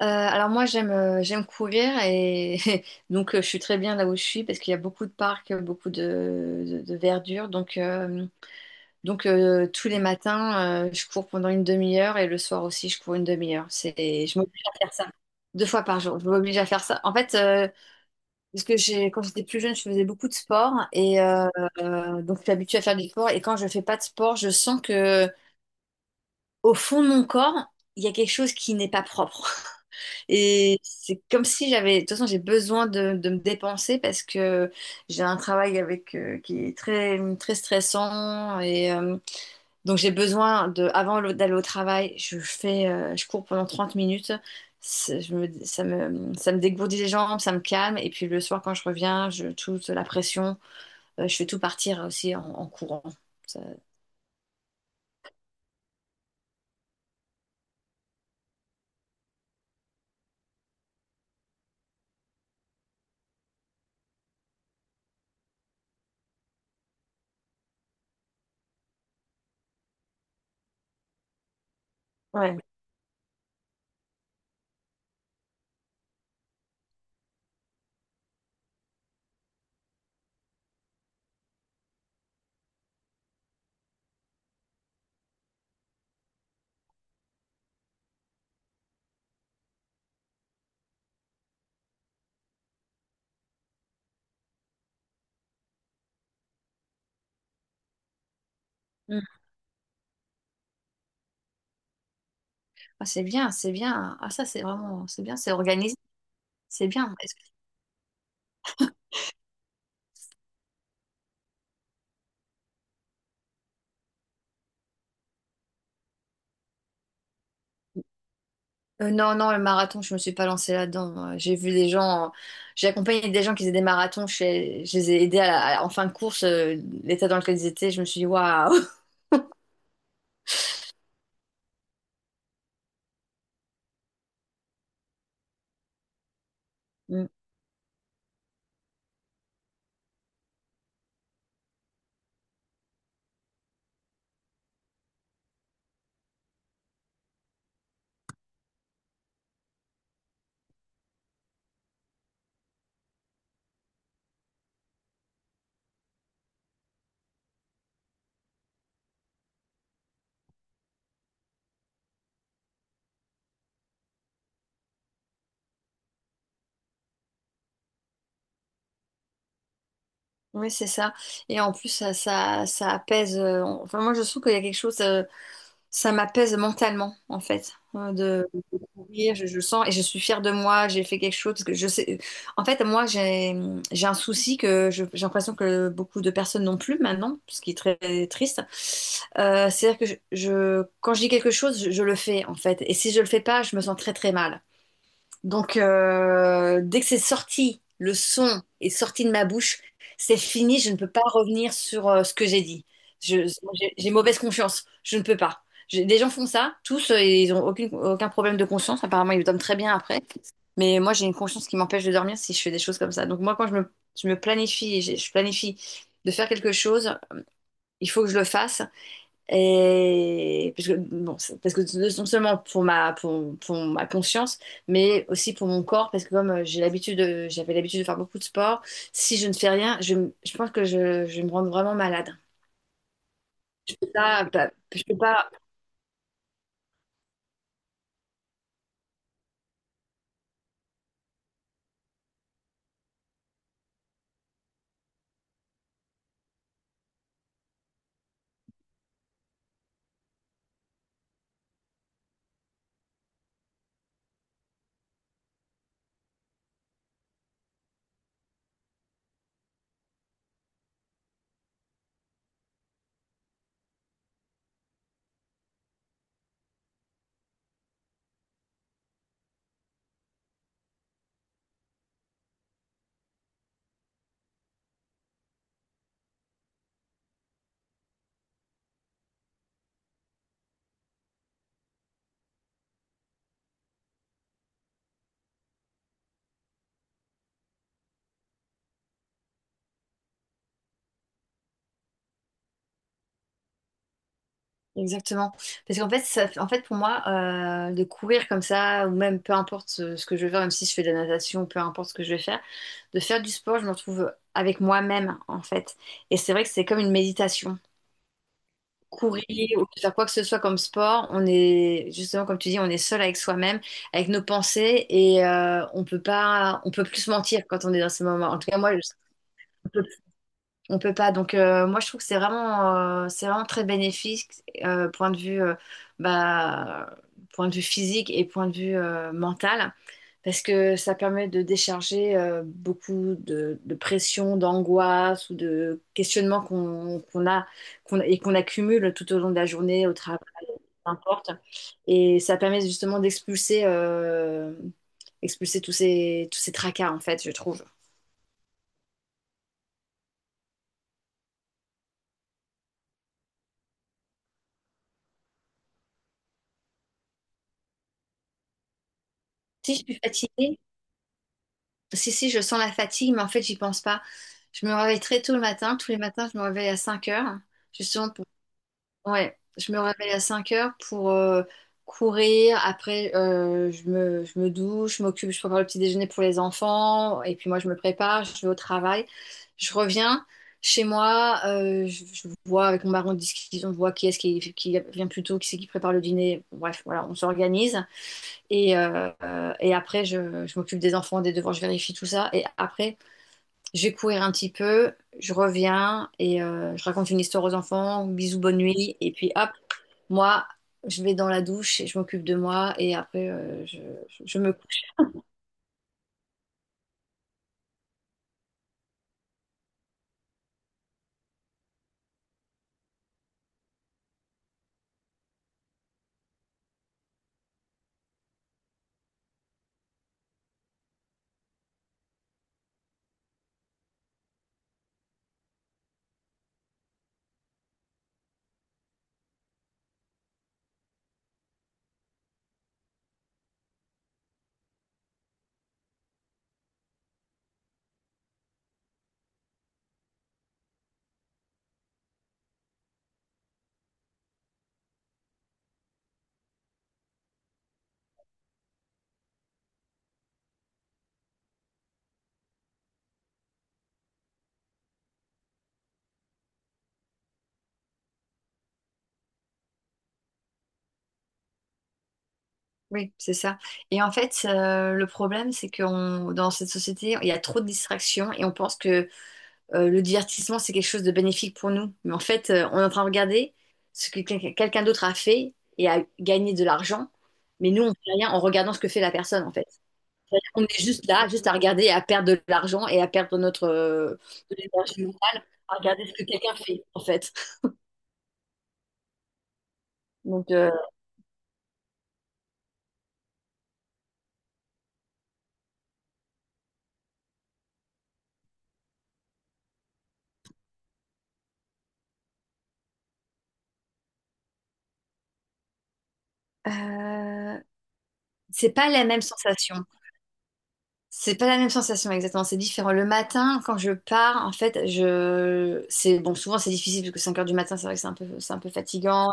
Alors moi j'aime courir et donc je suis très bien là où je suis parce qu'il y a beaucoup de parcs, beaucoup de verdure. Donc, tous les matins je cours pendant une demi-heure et le soir aussi je cours une demi-heure. Je m'oblige à faire ça. Deux fois par jour, je m'oblige à faire ça. En fait, parce que quand j'étais plus jeune, je faisais beaucoup de sport et donc je suis habituée à faire du sport. Et quand je fais pas de sport, je sens que au fond de mon corps, il y a quelque chose qui n'est pas propre. Et c'est comme si de toute façon, j'ai besoin de me dépenser parce que j'ai un travail avec qui est très très stressant et donc j'ai besoin avant d'aller au travail, je cours pendant 30 minutes. C'est- je me- ça me, ça me dégourdit les jambes, ça me calme. Et puis le soir, quand je reviens, je touche la pression. Je fais tout partir aussi en courant. Ça- ouais. Ah, c'est bien, c'est bien. Ah, ça, c'est vraiment, c'est bien, c'est organisé. C'est bien. Non, non, le marathon, je me suis pas lancée là-dedans. J'ai vu des gens, j'ai accompagné des gens qui faisaient des marathons. Je les ai aidés en fin de course, l'état dans lequel ils étaient. Je me suis dit, waouh! Mm. Oui, c'est ça. Et en plus, ça apaise. Enfin, moi, je trouve qu'il y a quelque chose, ça m'apaise mentalement, en fait. Sourire, je le sens et je suis fière de moi, j'ai fait quelque chose parce que je sais. En fait, moi, j'ai un souci j'ai l'impression que beaucoup de personnes n'ont plus maintenant, ce qui est très triste. C'est-à-dire que quand je dis quelque chose, je le fais en fait. Et si je le fais pas, je me sens très très mal. Donc, dès que c'est sorti, le son est sorti de ma bouche, c'est fini, je ne peux pas revenir sur ce que j'ai dit. Je- j'ai mauvaise conscience, je ne peux pas. Des gens font ça, tous, et ils n'ont aucune, aucun problème de conscience, apparemment ils dorment très bien après. Mais moi j'ai une conscience qui m'empêche de dormir si je fais des choses comme ça. Donc moi quand je me planifie, et je planifie de faire quelque chose, il faut que je le fasse. Et parce que, bon, parce que non seulement pour ma conscience, mais aussi pour mon corps, parce que comme j'avais l'habitude de faire beaucoup de sport, si je ne fais rien, je pense que je vais me rendre vraiment malade. Je peux pas. Exactement. Parce qu'en fait, en fait, pour moi, de courir comme ça, ou même peu importe ce que je veux faire, même si je fais de la natation, peu importe ce que je vais faire, de faire du sport, je me retrouve avec moi-même, en fait. Et c'est vrai que c'est comme une méditation. Courir ou faire quoi que ce soit comme sport, on est justement comme tu dis, on est seul avec soi-même, avec nos pensées et on peut pas, on peut plus se mentir quand on est dans ces moments. En tout cas, moi, je on peut pas. Donc, moi, je trouve que c'est vraiment très bénéfique, euh, point de vue, euh, bah, point de vue physique et point de vue mental, parce que ça permet de décharger beaucoup de pression, d'angoisse ou de questionnements qu'on a, qu'on accumule tout au long de la journée, au travail, peu importe. Et ça permet justement d'expulser, expulser tous ces tracas, en fait, je trouve. Si je suis fatiguée. Si, si, je sens la fatigue, mais en fait, j'y pense pas. Je me réveille très tôt le matin. Tous les matins, je me réveille à 5h. Justement, pour... Ouais, je me réveille à 5 heures pour courir. Après, je me douche, je m'occupe, je prépare le petit déjeuner pour les enfants. Et puis moi, je me prépare, je vais au travail. Je reviens chez moi. Je vois avec mon mari, on discute, on voit qui est-ce qui vient plus tôt, qui c'est qui prépare le dîner. Bref, voilà, on s'organise. Et après, je m'occupe des enfants, des devoirs, je vérifie tout ça. Et après, je vais courir un petit peu, je reviens et je raconte une histoire aux enfants, bisous, bonne nuit. Et puis hop, moi, je vais dans la douche et je m'occupe de moi. Et aprèsje- je me... Oui, c'est ça. Et en fait, le problème, c'est que dans cette société, il y a trop de distractions et on pense que le divertissement, c'est quelque chose de bénéfique pour nous. Mais en fait, on est en train de regarder ce que quelqu'un d'autre a fait et a gagné de l'argent, mais nous, on fait rien en regardant ce que fait la personne, en fait. C'est-à-dire qu'on est juste là, juste à regarder et à perdre de l'argent et à perdre notre de l'énergie mentale, à regarder ce que quelqu'un fait, en fait. Donc, euh, c'est pas la même sensation. C'est pas la même sensation exactement, c'est différent. Le matin, quand je pars, en fait, je c'est bon, souvent c'est difficile parce que 5h du matin, c'est vrai que c'est un peu fatigant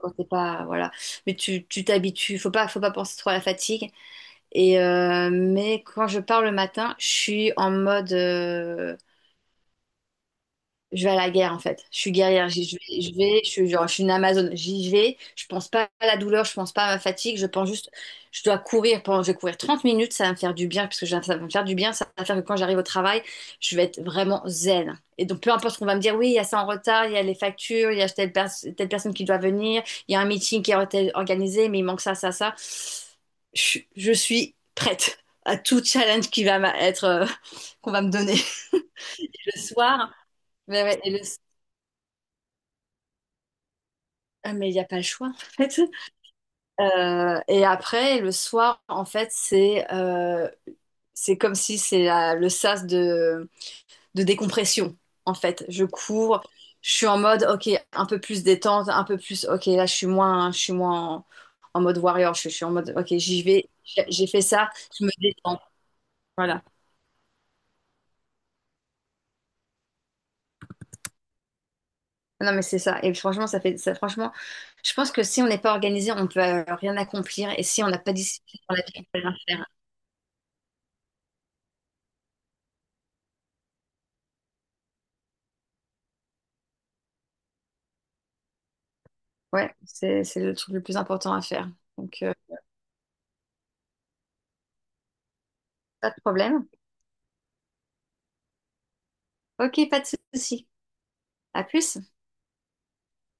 quand t'es pas voilà, mais tu t'habitues, faut pas penser trop à la fatigue et mais quand je pars le matin, je suis en mode je vais à la guerre en fait. Je suis guerrière. Je vais, je suis genre, je suis une Amazone. J'y vais. Je pense pas à la douleur. Je pense pas à ma fatigue. Je pense juste, je dois courir. Je vais courir 30 minutes. Ça va me faire du bien parce que ça va me faire du bien. Ça va faire que quand j'arrive au travail, je vais être vraiment zen. Et donc peu importe ce qu'on va me dire. Oui, il y a ça en retard. Il y a les factures. Il y a telle personne qui doit venir. Il y a un meeting qui est organisé, mais il manque ça, ça, ça. Je suis prête à tout challenge qui va être qu'on va me donner. Le soir. Ouais, ouais. et le Ah, mais il n'y a pas le choix, en fait. Et après, le soir, en fait, c'est comme si le sas de décompression, en fait. Je cours, je suis en mode, ok, un peu plus détente, un peu plus, ok, là, je suis moins en mode warrior, je suis en mode, ok, j'y vais, j'ai fait ça, je me détends. Voilà. Non, mais c'est ça. Et franchement, ça fait ça, franchement, je pense que si on n'est pas organisé, on peut rien accomplir. Et si on n'a pas discipline dans la vie, on peut rien faire. Ouais, c'est le truc le plus important à faire. Donc, pas de problème. Ok, pas de souci. À plus.